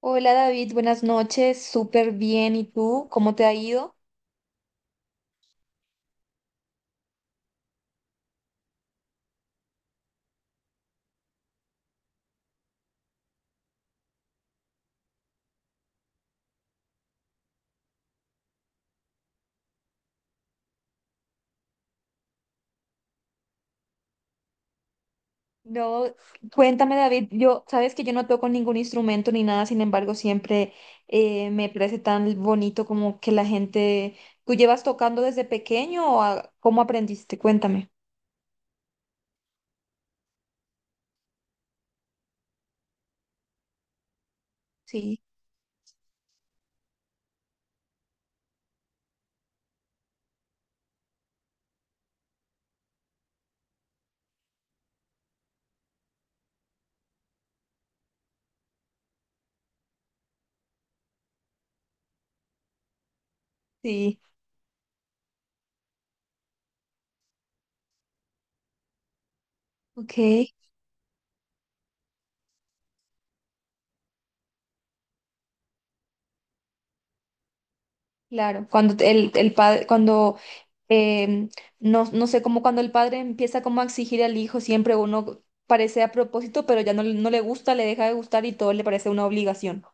Hola David, buenas noches, súper bien. ¿Y tú? ¿Cómo te ha ido? No, cuéntame David, yo sabes que yo no toco ningún instrumento ni nada, sin embargo siempre me parece tan bonito como que la gente, ¿tú llevas tocando desde pequeño o cómo aprendiste? Cuéntame. Sí, sí, ok. Claro, cuando el padre, cuando em, no, no sé, como cuando el padre empieza como a exigir al hijo, siempre uno parece a propósito, pero ya no, no le gusta, le deja de gustar y todo le parece una obligación.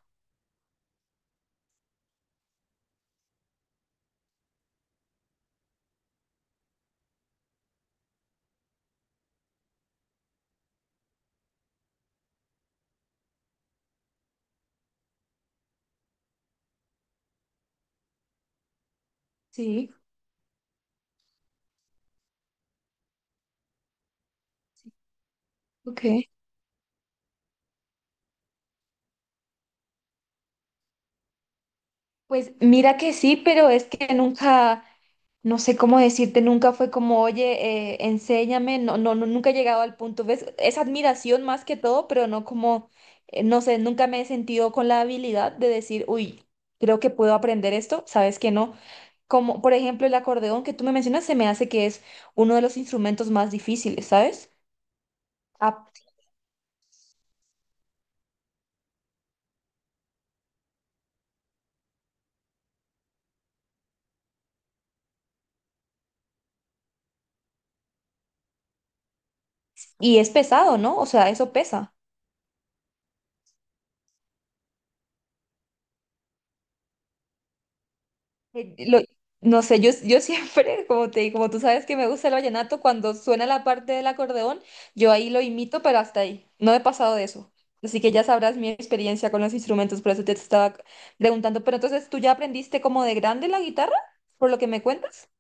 Sí. Ok. Pues mira que sí, pero es que nunca, no sé cómo decirte, nunca fue como, oye, enséñame, no, no, no, nunca he llegado al punto, ¿ves? Es admiración más que todo, pero no como, no sé, nunca me he sentido con la habilidad de decir, uy, creo que puedo aprender esto, sabes que no. Como, por ejemplo, el acordeón que tú me mencionas, se me hace que es uno de los instrumentos más difíciles, ¿sabes? Ah, y es pesado, ¿no? O sea, eso pesa. Eh, lo- no sé, yo siempre, como te como tú sabes que me gusta el vallenato, cuando suena la parte del acordeón, yo ahí lo imito, pero hasta ahí. No he pasado de eso. Así que ya sabrás mi experiencia con los instrumentos, por eso te estaba preguntando. Pero entonces, ¿tú ya aprendiste como de grande la guitarra, por lo que me cuentas?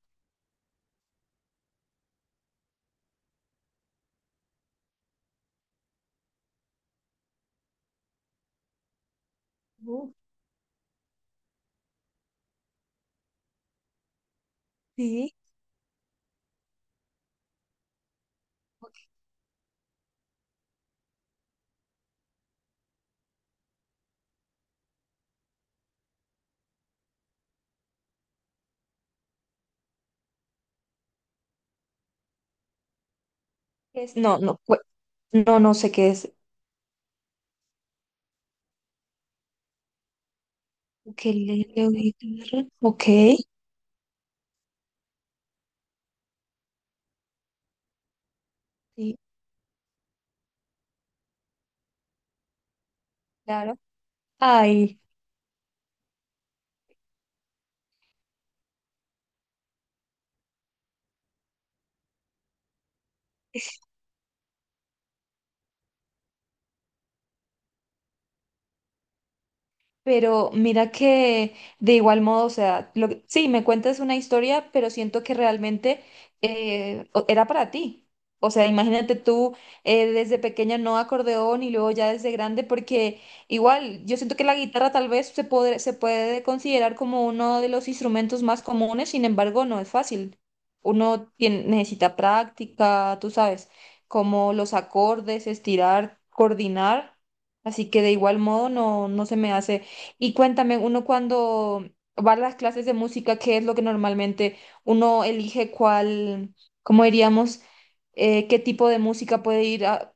Uh, sí. ¿Qué es? No, no, no, no sé qué es. Ukelele o guitarra. Ok. Sí. Claro. Ay. Pero mira que de igual modo, o sea, sí, me cuentas una historia, pero siento que realmente era para ti. O sea, imagínate tú desde pequeña no acordeón y luego ya desde grande, porque igual yo siento que la guitarra tal vez se puede considerar como uno de los instrumentos más comunes, sin embargo, no es fácil. Necesita práctica, tú sabes, como los acordes, estirar, coordinar. Así que de igual modo no, no se me hace. Y cuéntame, uno cuando va a las clases de música, ¿qué es lo que normalmente uno elige cuál, cómo diríamos, qué tipo de música puede ir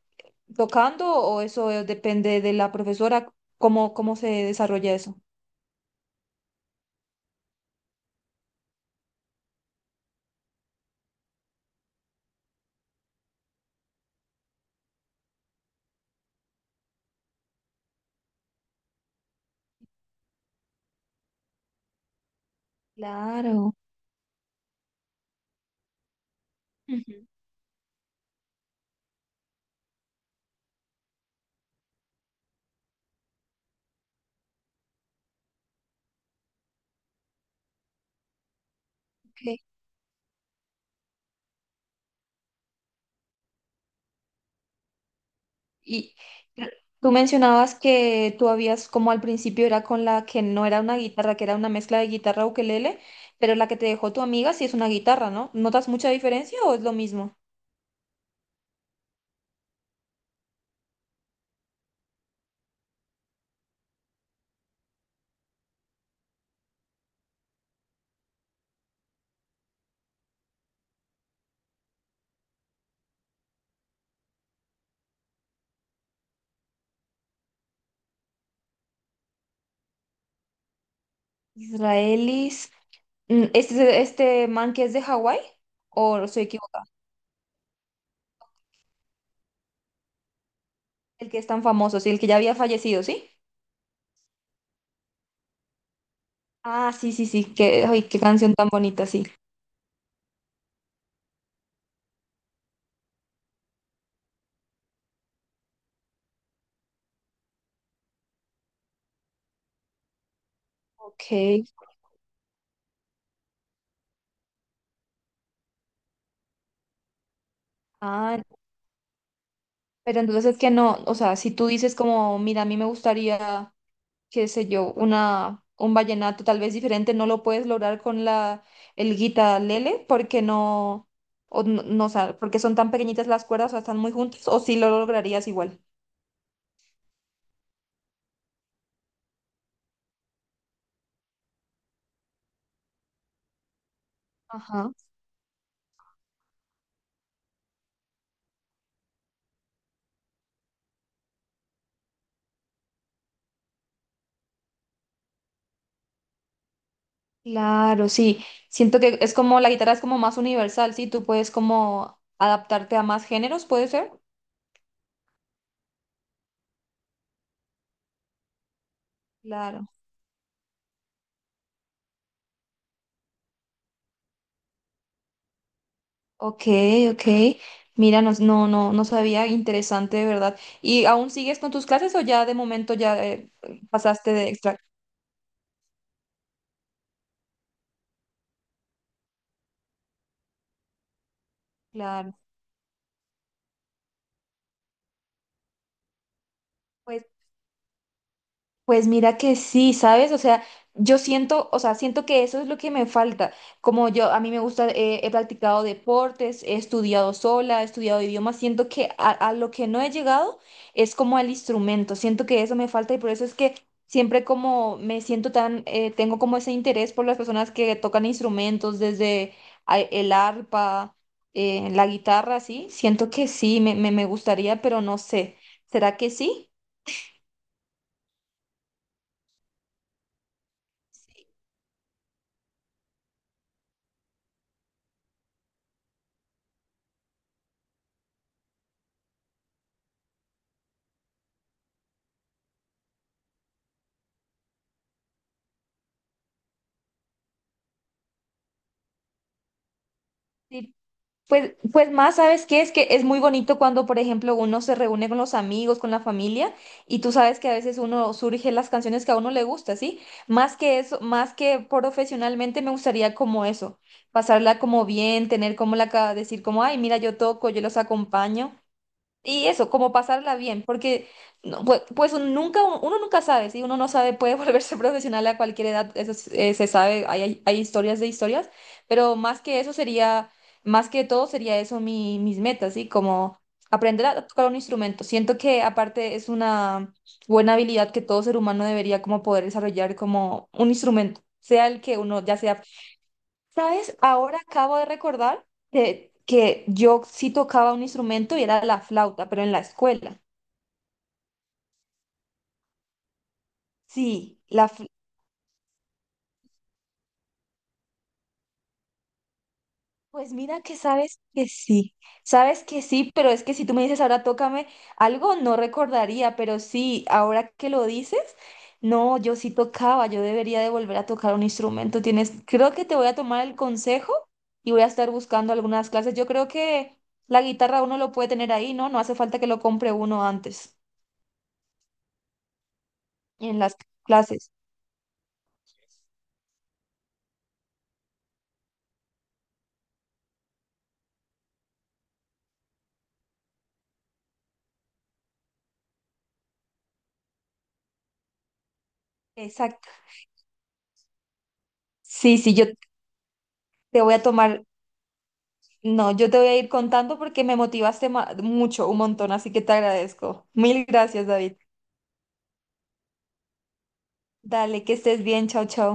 tocando o eso depende de la profesora? ¿Cómo, cómo se desarrolla eso? Claro. Ujú. Ok. Y eh, tú mencionabas que tú habías, como al principio era con la que no era una guitarra, que era una mezcla de guitarra ukelele, pero la que te dejó tu amiga sí es una guitarra, ¿no? ¿Notas mucha diferencia o es lo mismo? Israelis. Mm, este man que es de Hawái, o soy equivocada, el que es tan famoso, sí, el que ya había fallecido, ¿sí? Ah, sí, sí, sí, qué, ay, qué canción tan bonita, sí. Ok. Ah, pero entonces es que no, o sea, si tú dices como, mira, a mí me gustaría, qué sé yo, una, un vallenato tal vez diferente, no lo puedes lograr con la, el guitarlele, porque no, o no, no, o sea, porque son tan pequeñitas las cuerdas, o sea, están muy juntas, o sí lo lograrías igual. Ajá. Claro, sí. Siento que es como la guitarra es como más universal, sí. Tú puedes como adaptarte a más géneros, ¿puede ser? Claro. Ok, ok. Mira, no, no, no, no sabía. Interesante, de verdad. ¿Y aún sigues con tus clases o ya de momento ya pasaste de extra? Claro. Pues mira que sí, ¿sabes? O sea, yo siento, o sea, siento que eso es lo que me falta. Como yo, a mí me gusta, he practicado deportes, he estudiado sola, he estudiado idiomas, siento que a lo que no he llegado es como al instrumento, siento que eso me falta y por eso es que siempre como me siento tan, tengo como ese interés por las personas que tocan instrumentos, desde el arpa, la guitarra, sí, siento que sí, me gustaría, pero no sé, ¿será que sí? Pues, pues más, ¿sabes qué? Es que es muy bonito cuando, por ejemplo, uno se reúne con los amigos, con la familia, y tú sabes que a veces uno surge las canciones que a uno le gusta, ¿sí? Más que eso, más que profesionalmente me gustaría como eso, pasarla como bien, tener como la, decir como, ay, mira, yo toco, yo los acompaño, y eso, como pasarla bien, porque no, pues, pues uno nunca sabe, si uno no sabe, puede volverse profesional a cualquier edad, se sabe, hay historias de historias, pero más que eso sería, más que todo sería eso mi, mis metas, ¿sí? Como aprender a tocar un instrumento. Siento que aparte es una buena habilidad que todo ser humano debería como poder desarrollar como un instrumento, sea el que uno, ya sea. ¿Sabes? Ahora acabo de recordar de que yo sí tocaba un instrumento y era la flauta, pero en la escuela. Sí, pues mira que sabes que sí, pero es que si tú me dices ahora tócame algo, no recordaría, pero sí, ahora que lo dices, no, yo sí tocaba, yo debería de volver a tocar un instrumento. Tienes, creo que te voy a tomar el consejo y voy a estar buscando algunas clases. Yo creo que la guitarra uno lo puede tener ahí, ¿no? No hace falta que lo compre uno antes. En las clases. Exacto. Sí, sí, yo te voy a tomar, no, yo te voy a ir contando porque me motivaste mucho, un montón, así que te agradezco. Mil gracias, David. Dale, que estés bien, chao, chao.